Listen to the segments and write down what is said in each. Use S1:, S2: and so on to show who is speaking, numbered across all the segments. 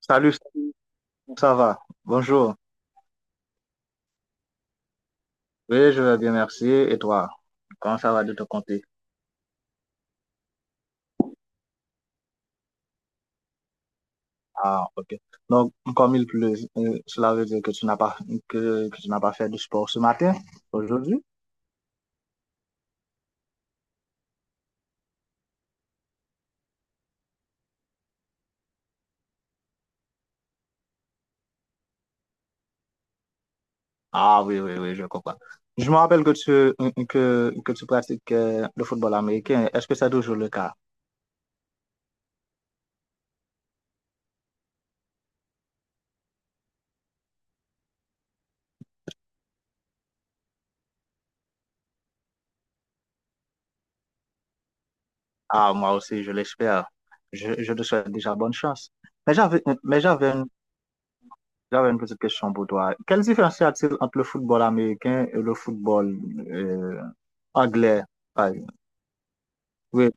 S1: Salut, salut, comment ça va? Bonjour. Oui, je vais bien, merci. Et toi? Comment ça va de ton côté? Ah, ok. Donc, comme il pleut, cela veut dire que tu n'as pas fait de sport ce matin, aujourd'hui? Ah oui, oui, oui, je comprends. Je me rappelle que tu pratiques le football américain. Est-ce que c'est toujours le cas? Ah, moi aussi, je l'espère. Je te souhaite déjà bonne chance. Mais j'avais, mais j'avais J'avais une petite question pour toi. Quelle différence y a-t-il entre le football américain et le football euh, anglais, par exemple? Oui,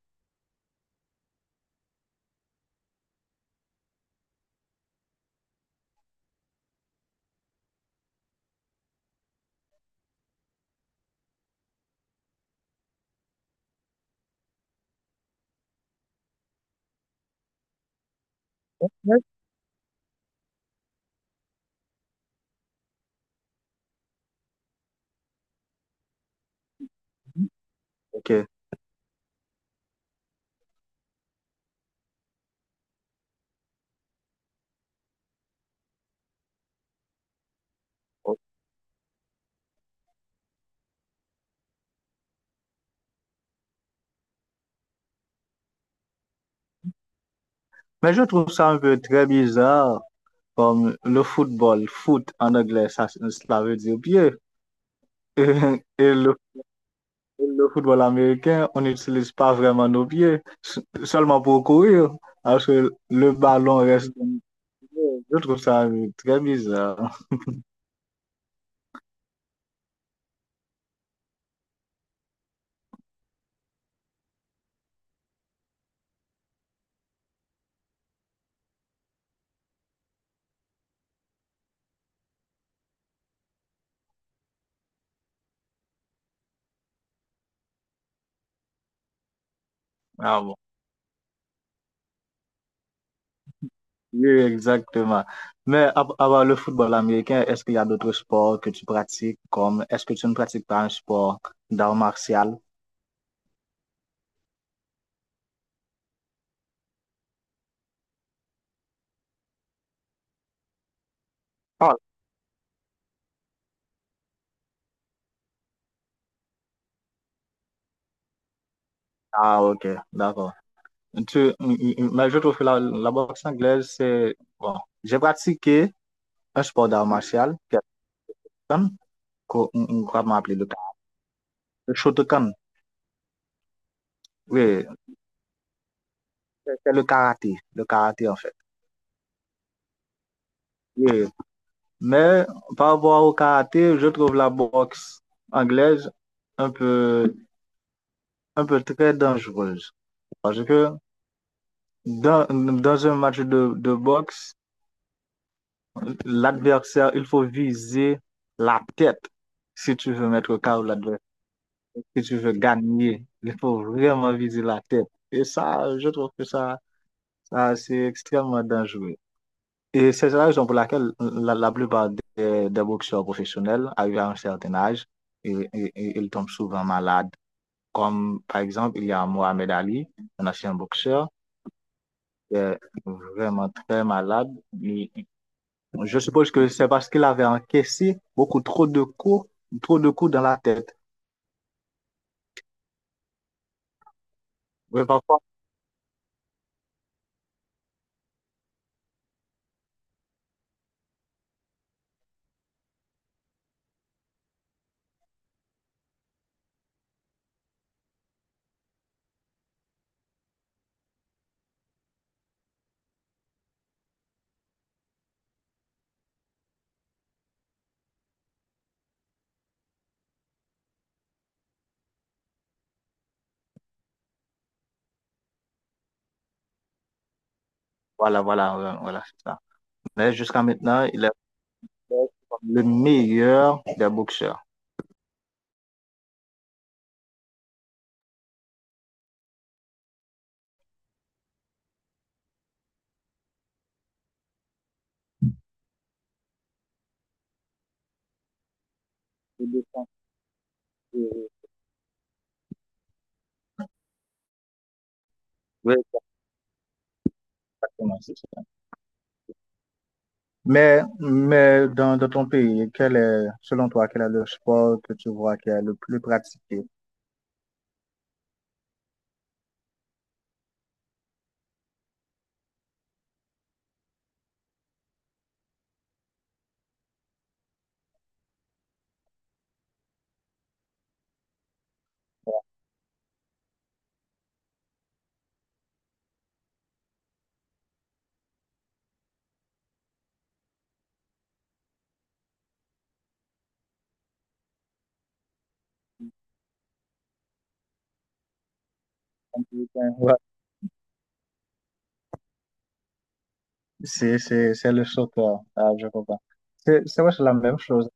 S1: ok. Mais je trouve ça un peu très bizarre, comme le football, foot en anglais, ça, cela veut dire pied. Et, le, le football américain, on n'utilise pas vraiment nos pieds, seulement pour courir, alors que le ballon reste dans nos pieds. Je trouve ça très bizarre. Ah bon. Oui, exactement. Mais à part le football américain, est-ce qu'il y a d'autres sports que tu pratiques comme est-ce que tu ne pratiques pas un sport d'art martial? Ah, Ah, ok, d'accord. Tu, mais je trouve que la boxe anglaise, c'est bon. J'ai pratiqué un sport d'art martial, qui est le Shotokan, qu'on comment appeler le Shotokan. Oui, c'est le karaté en fait. Oui, mais par rapport au karaté, je trouve la boxe anglaise un peu. Un peu très dangereuse. Parce que dans un match de boxe, l'adversaire, il faut viser la tête si tu veux mettre KO l'adversaire. Si tu veux gagner, il faut vraiment viser la tête. Et ça, je trouve que ça c'est extrêmement dangereux. Et c'est la raison pour laquelle la plupart des boxeurs professionnels arrivent à un certain âge et ils tombent souvent malades. Comme par exemple, il y a Mohamed Ali, un ancien boxeur, était vraiment très malade. Et je suppose que c'est parce qu'il avait encaissé beaucoup trop de coups dans la tête. Oui, parfois, voilà, voilà, voilà, c'est ça. Mais jusqu'à maintenant, il est le meilleur des boxeurs. Oui, exactement, c'est ça. Mais dans ton pays, quel est, selon toi, quel est le sport que tu vois qui est le plus pratiqué? Ouais. C'est le soccer. Ah, je comprends. C'est vrai, c'est la même chose.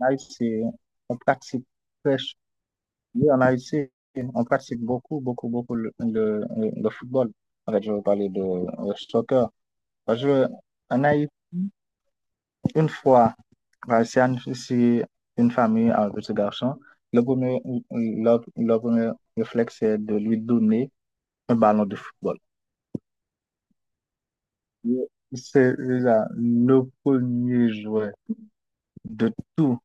S1: En Haïti, on pratique presque, oui, en Haïti, on pratique beaucoup, beaucoup, beaucoup le football. En fait, je veux parler de soccer. Parce que, en Haïti, une fois, bah, c'est une famille un petit garçon. Le premier, le premier réflexe, c'est de lui donner un ballon de football. C'est là, le premier jouet de tous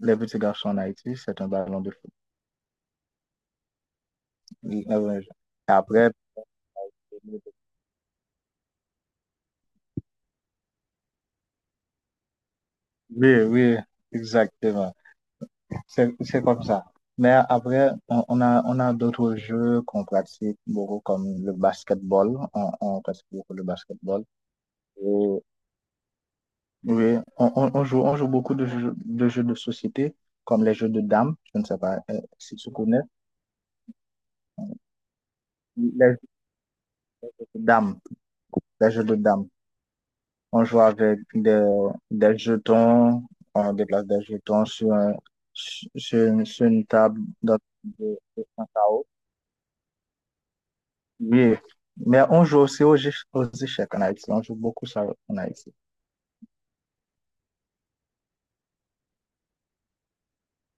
S1: les petits garçons en Haïti, c'est un ballon de football. Après, oui, oui, exactement. C'est comme ça. Mais après, on a d'autres jeux qu'on pratique beaucoup, comme le basketball. On pratique beaucoup le basketball. Et, oui, on joue beaucoup de jeux, de jeux de société, comme les jeux de dames. Je ne sais pas si tu connais. Les jeux de dames. Les jeux de dames. On joue avec des jetons. On déplace des jetons sur, un- sur, sur une table de, un carreau. Oui, mais on joue aussi aux échecs en Haïti. On joue beaucoup ça en Haïti.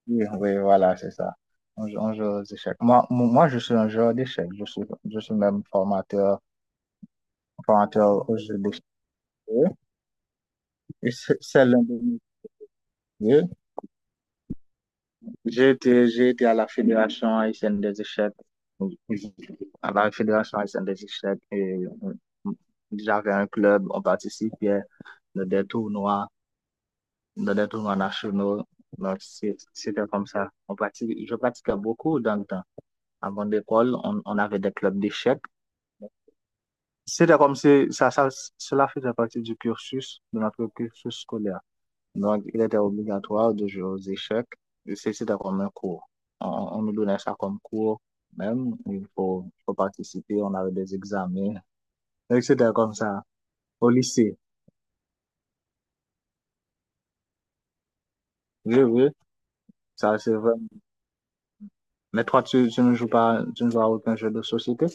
S1: Oui, oui, voilà, c'est ça. On joue aux échecs. Moi, je suis un joueur d'échecs. Je suis même formateur, formateur aux jeux d'échecs. Et c'est l'un de mes métiers. J'ai été à la Fédération haïtienne des échecs. À la Fédération haïtienne des échecs. Et euh, j'avais un club, on participait à des tournois. Dans des tournois nationaux. Donc, c'était comme ça. On pratique, je pratiquais beaucoup dans le temps. Avant l'école, on avait des clubs d'échecs. C'était comme si cela faisait partie du cursus, de notre cursus scolaire. Donc, il était obligatoire de jouer aux échecs. C'était comme un cours. On, on nous donnait ça comme cours. Même, faut participer, on avait des examens. Donc, c'était comme ça. Au lycée, je veux, ça c'est vrai. Mais toi, tu ne joues pas, tu ne joues à aucun jeu de société?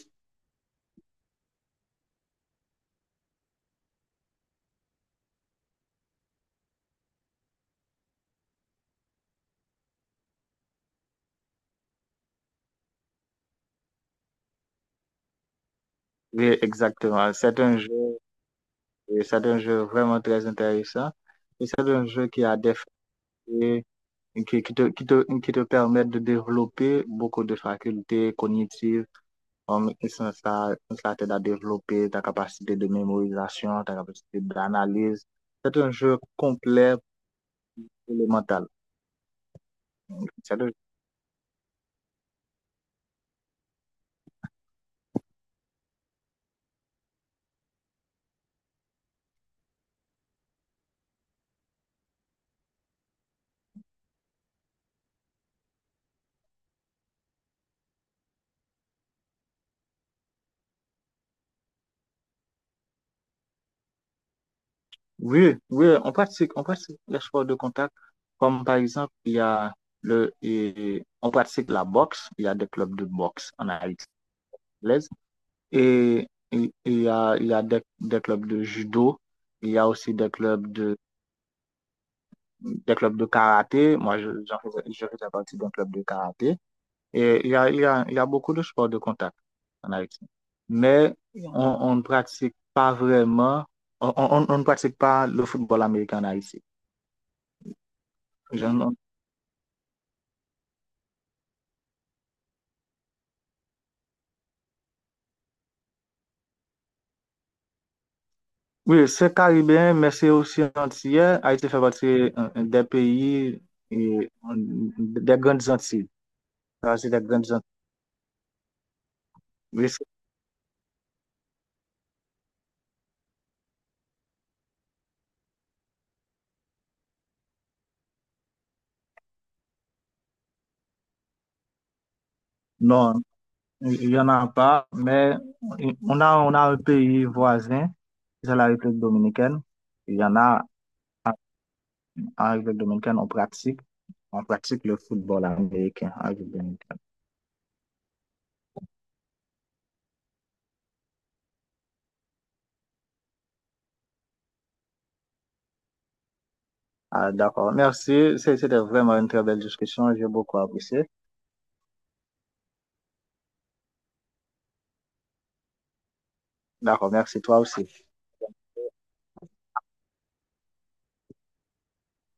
S1: Oui, exactement. C'est un jeu, oui, c'est un jeu vraiment très intéressant. Et c'est un jeu qui a des facultés, qui te permettent de développer beaucoup de facultés cognitives. Comme ça, ça t'aide à développer ta capacité de mémorisation, ta capacité d'analyse. C'est un jeu complet pour le mental. C'est un- oui, oui, on pratique les sports de contact. Comme par exemple, il y a on pratique la boxe. Il y a des clubs de boxe en Haïti. Anglaise. Et il y a des clubs de judo, il y a aussi des clubs de karaté. Moi, j'en faisais- je faisais partie d'un club de karaté. Et il y a, il y a, il y a beaucoup de sports de contact en Haïti. Mais on ne pratique pas le football américain en Haïti. Je ne- oui, c'est caribéen, mais c'est aussi antillais. Haïti fait partie des pays, et, euh, des grandes Antilles. Ça, c'est des grandes Antilles. Oui, non, il n'y en a pas, mais on a un pays voisin, c'est la République dominicaine. Il y en a en République dominicaine, on pratique le football américain en République dominicaine. Ah, d'accord, merci. C'était vraiment une très belle discussion, j'ai beaucoup apprécié. D'accord, merci toi aussi.